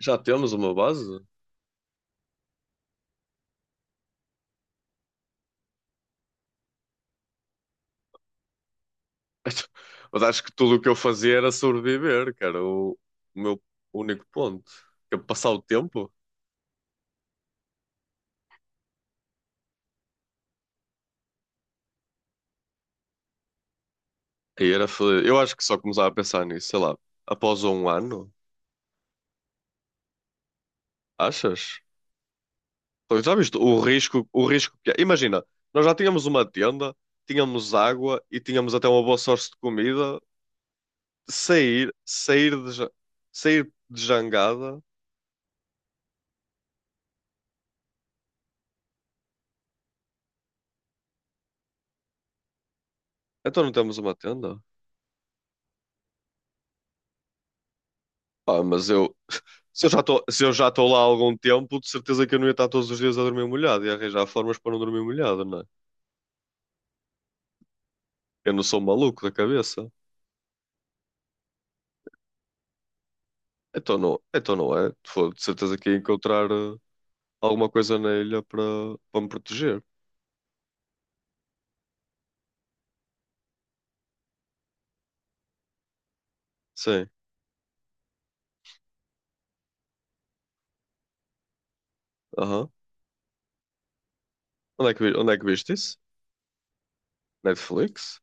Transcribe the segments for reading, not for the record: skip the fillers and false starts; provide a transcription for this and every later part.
Já temos uma base? Mas acho que tudo o que eu fazia era sobreviver, que era o meu único ponto. Que é passar o tempo aí era feliz. Eu acho que só começava a pensar nisso, sei lá, após um ano, achas? Então, já viste o risco que é? Imagina, nós já tínhamos uma tenda, tínhamos água e tínhamos até uma boa sorte de comida. Sair, sair de, ja- sair de jangada, então não temos uma tenda. Pá, mas eu, se eu já estou lá há algum tempo, de certeza que eu não ia estar todos os dias a dormir molhado e arranjar formas para não dormir molhado, não é? Eu não sou um maluco da cabeça. Então não é. Foi de certeza que ia encontrar alguma coisa na ilha para, me proteger. Sim. Aham. Onde é que viste isso? Netflix?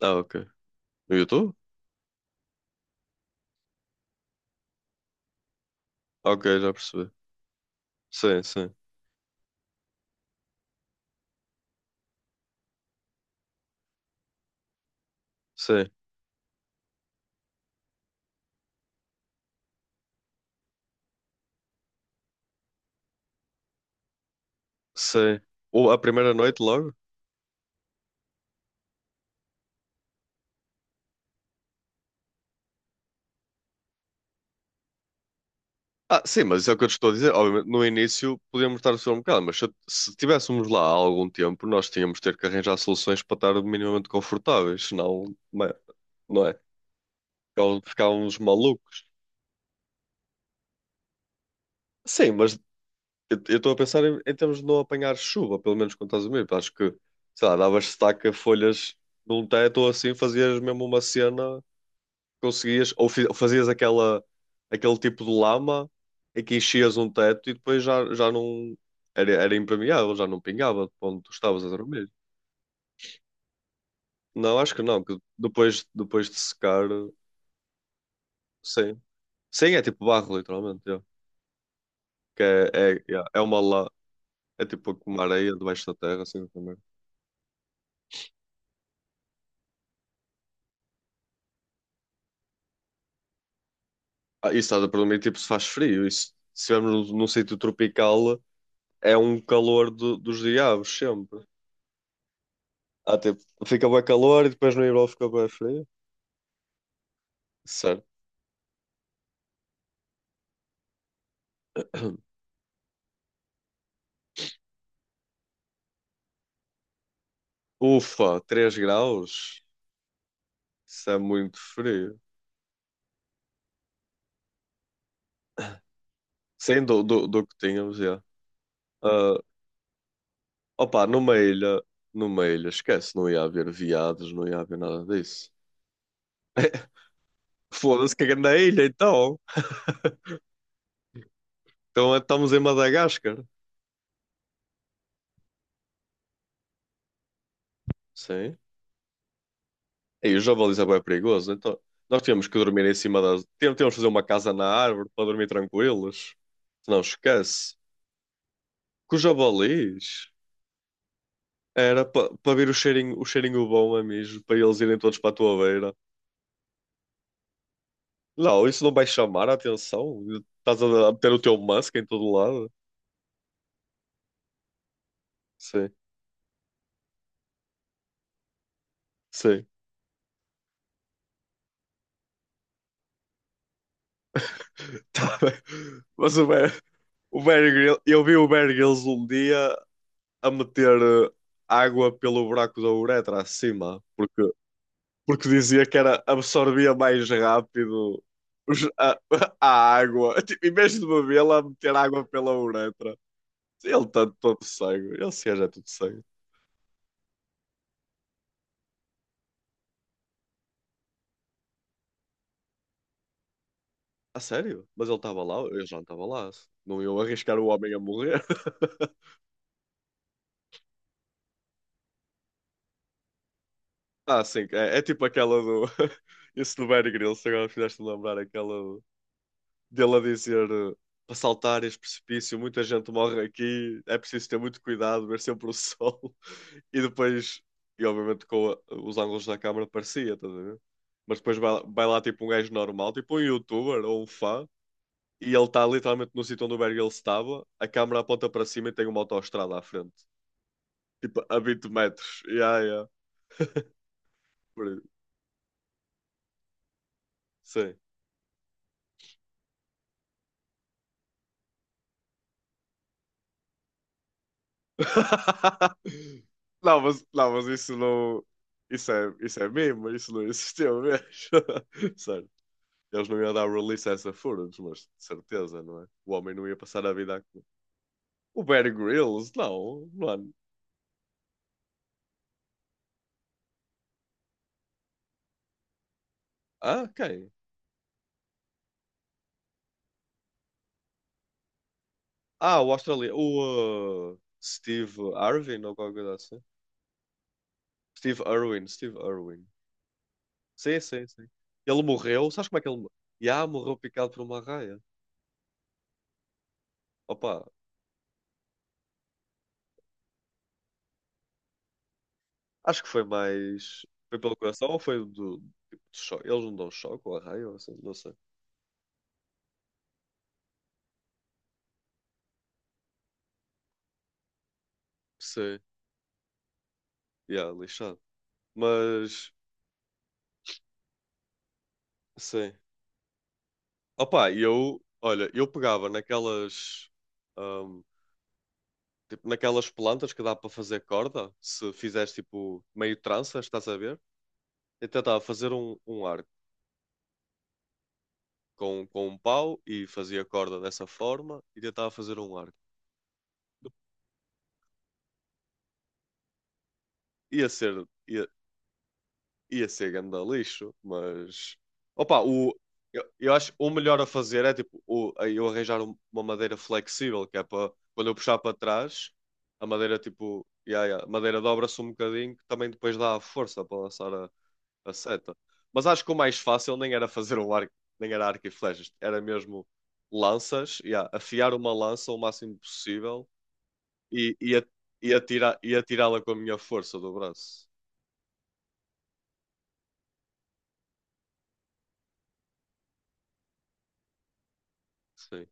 Ah, ok. No YouTube? Ok, já percebi. Sim, sim. Sim, sim. Ou a primeira noite logo? Ah, sim, mas isso é o que eu te estou a dizer. Obviamente, no início podíamos estar a sofrer um bocado, mas se tivéssemos lá há algum tempo, nós tínhamos de ter que arranjar soluções para estar minimamente confortáveis, senão, não é? Ficávamos malucos. Sim, mas eu estou a pensar em termos de não apanhar chuva, pelo menos quando estás a dormir. Acho que, sei lá, davas estaca, folhas num teto ou assim, fazias mesmo uma cena conseguias, ou fazias aquele tipo de lama em que enchias um teto e depois já não era, era impermeável, já não pingava de onde tu estavas a dormir. Não, acho que não, que depois de secar, sim. Sim, é tipo barro, literalmente, yeah. Que é, yeah, é uma lá, é tipo uma areia debaixo da terra, assim também. Ah, isso estás a perguntar, tipo, se faz frio, isso, se estivermos num sítio tropical, é um calor dos diabos, sempre. Ah, tipo, fica bem calor e depois no verão fica bem frio. Certo. Ufa, 3 graus? Isso é muito frio. Sim, do que tínhamos, já. Ah, opa, numa ilha, esquece, não ia haver viados, não ia haver nada disso. Foda-se que é na ilha, então. Então é, estamos em Madagascar. Sim. E os javalis é bem perigoso, então. Nós temos que dormir em cima das. Temos que fazer uma casa na árvore para dormir tranquilos. Não esquece. Que os javalis era para pa pa vir o cheirinho bom a mijo, para eles irem todos para a tua beira. Não, isso não vai chamar a atenção. Estás a ter o teu Musk em todo lado. Sim, sim. Tá bem. Mas o Bear Grylls, eu vi o Bear Grylls um dia a meter água pelo buraco da uretra acima, porque dizia que era, absorvia mais rápido a, a água. Tipo, em vez de bebê-la, meter água pela uretra. Ele está todo cego. Ele se é tudo cego. A sério? Mas ele estava lá? Eu já não estava lá. Não iam arriscar o homem a morrer. Ah, sim. É tipo aquela do. Isso do Bear Grylls, agora fizeste-me lembrar aquela dele a dizer para saltar este precipício, muita gente morre aqui, é preciso ter muito cuidado, ver sempre o sol. E depois, e obviamente com os ângulos da câmara parecia, estás a ver? Mas depois vai lá tipo um gajo normal, tipo um youtuber ou um fã, e ele está literalmente no sítio onde o Bear Grylls estava, a câmara aponta para cima e tem uma autoestrada à frente. Tipo, a 20 metros. Yeah, yeah. Por aí. Sim. Não, mas isso não. Isso é mimo, isso não existiu mesmo. Sério. Eles não iam dar release a essa Furious, mas de certeza, não é? O homem não ia passar a vida aqui. O Bear Grylls, não, mano. Ah, quem? Ah, o Australia. O Steve Irwin ou qualquer coisa assim. Steve Irwin, Steve Irwin. Sim, sim, sim. Ele morreu, sabes como é que ele morreu? Já morreu picado por uma raia. Opa, acho que foi mais. Foi pelo coração ou foi do. Tipo, de choque? Eles não dão choque ou arraio ou assim, não sei. Sei. Yeah, lixado. Mas, sim. Opa, e eu, olha, eu pegava naquelas, ahm, tipo, naquelas plantas que dá para fazer corda, se fizeres tipo meio tranças, estás a ver? Eu tentava fazer um arco com um pau e fazia corda dessa forma e tentava fazer um arco. Ia ser, ia, ia ser ganda lixo, mas opa, eu acho que o melhor a fazer é tipo eu arranjar uma madeira flexível, que é para quando eu puxar para trás, a madeira tipo, yeah, yeah, a madeira dobra-se um bocadinho, que também depois dá a força para lançar a seta. Mas acho que o mais fácil nem era fazer um arco, nem era arco e flechas, era mesmo lanças, yeah, afiar uma lança o máximo possível e, e, a- e, atirar, e atirá-la com a minha força do braço. Sim.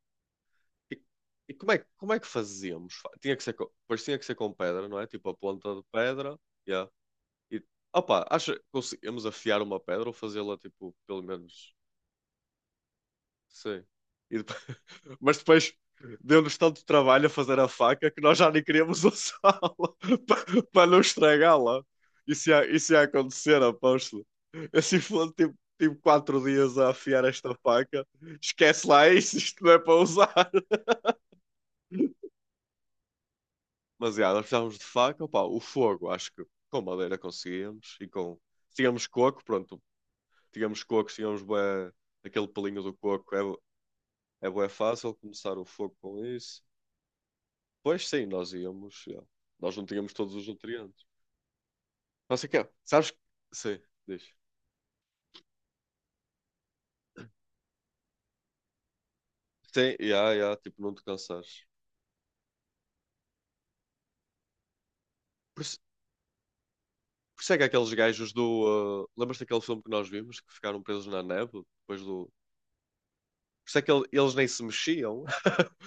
E, e como é que fazíamos? Tinha que ser com, pois tinha que ser com pedra, não é? Tipo a ponta de pedra. Yeah. E, opa, acha que conseguimos afiar uma pedra ou fazê-la, tipo, pelo menos. Sim. E depois- Mas depois deu-nos tanto trabalho a fazer a faca que nós já nem queríamos usá-la para não estragá-la. Isso ia acontecer, aposto. Assim foi tipo 4 dias a afiar esta faca. Esquece lá isso, isto não é para usar. Mas já, nós precisávamos de faca, opá, o fogo, acho que com madeira conseguíamos e com. Tínhamos coco, pronto, tínhamos coco, tínhamos bué, aquele pelinho do coco, é bué fácil começar o fogo com isso. Pois sim, nós íamos, já. Nós não tínhamos todos os nutrientes. Não sei o que é, sabes? Sim, diz. Sim, já, tipo, não te cansares. Por, isso- por isso é que aqueles gajos do. Ah, lembras daquele filme que nós vimos que ficaram presos na neve depois do. Por isso é que eles nem se mexiam.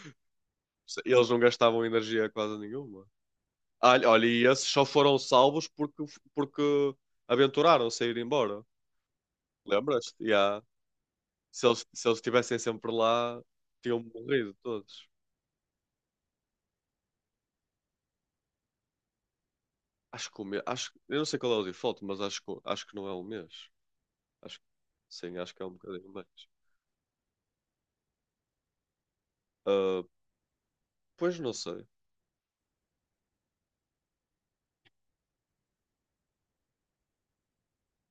Eles não gastavam energia quase nenhuma. Ah, olha, e esses só foram salvos porque, aventuraram-se a ir embora. Lembras-te? Yeah. Se eles estivessem sempre lá, tinham morrido todos. Acho que o mês. Acho, eu não sei qual é o default, mas acho que não é um mês. Acho, sim, acho que é um bocadinho mais. Ah, pois não sei.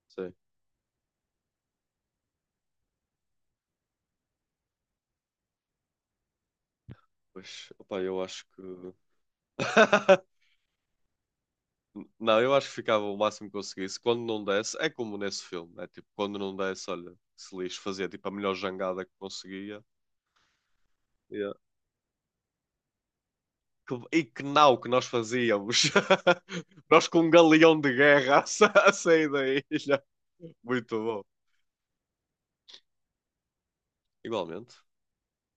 Sim. Pois, opá, eu acho que. Não, eu acho que ficava o máximo que conseguisse. Quando não desse, é como nesse filme, né? Tipo, quando não desse, olha, se lixo, fazia tipo a melhor jangada que conseguia. Yeah. E que não que nós fazíamos! Nós com um galeão de guerra a sair da ilha. Muito bom. Igualmente.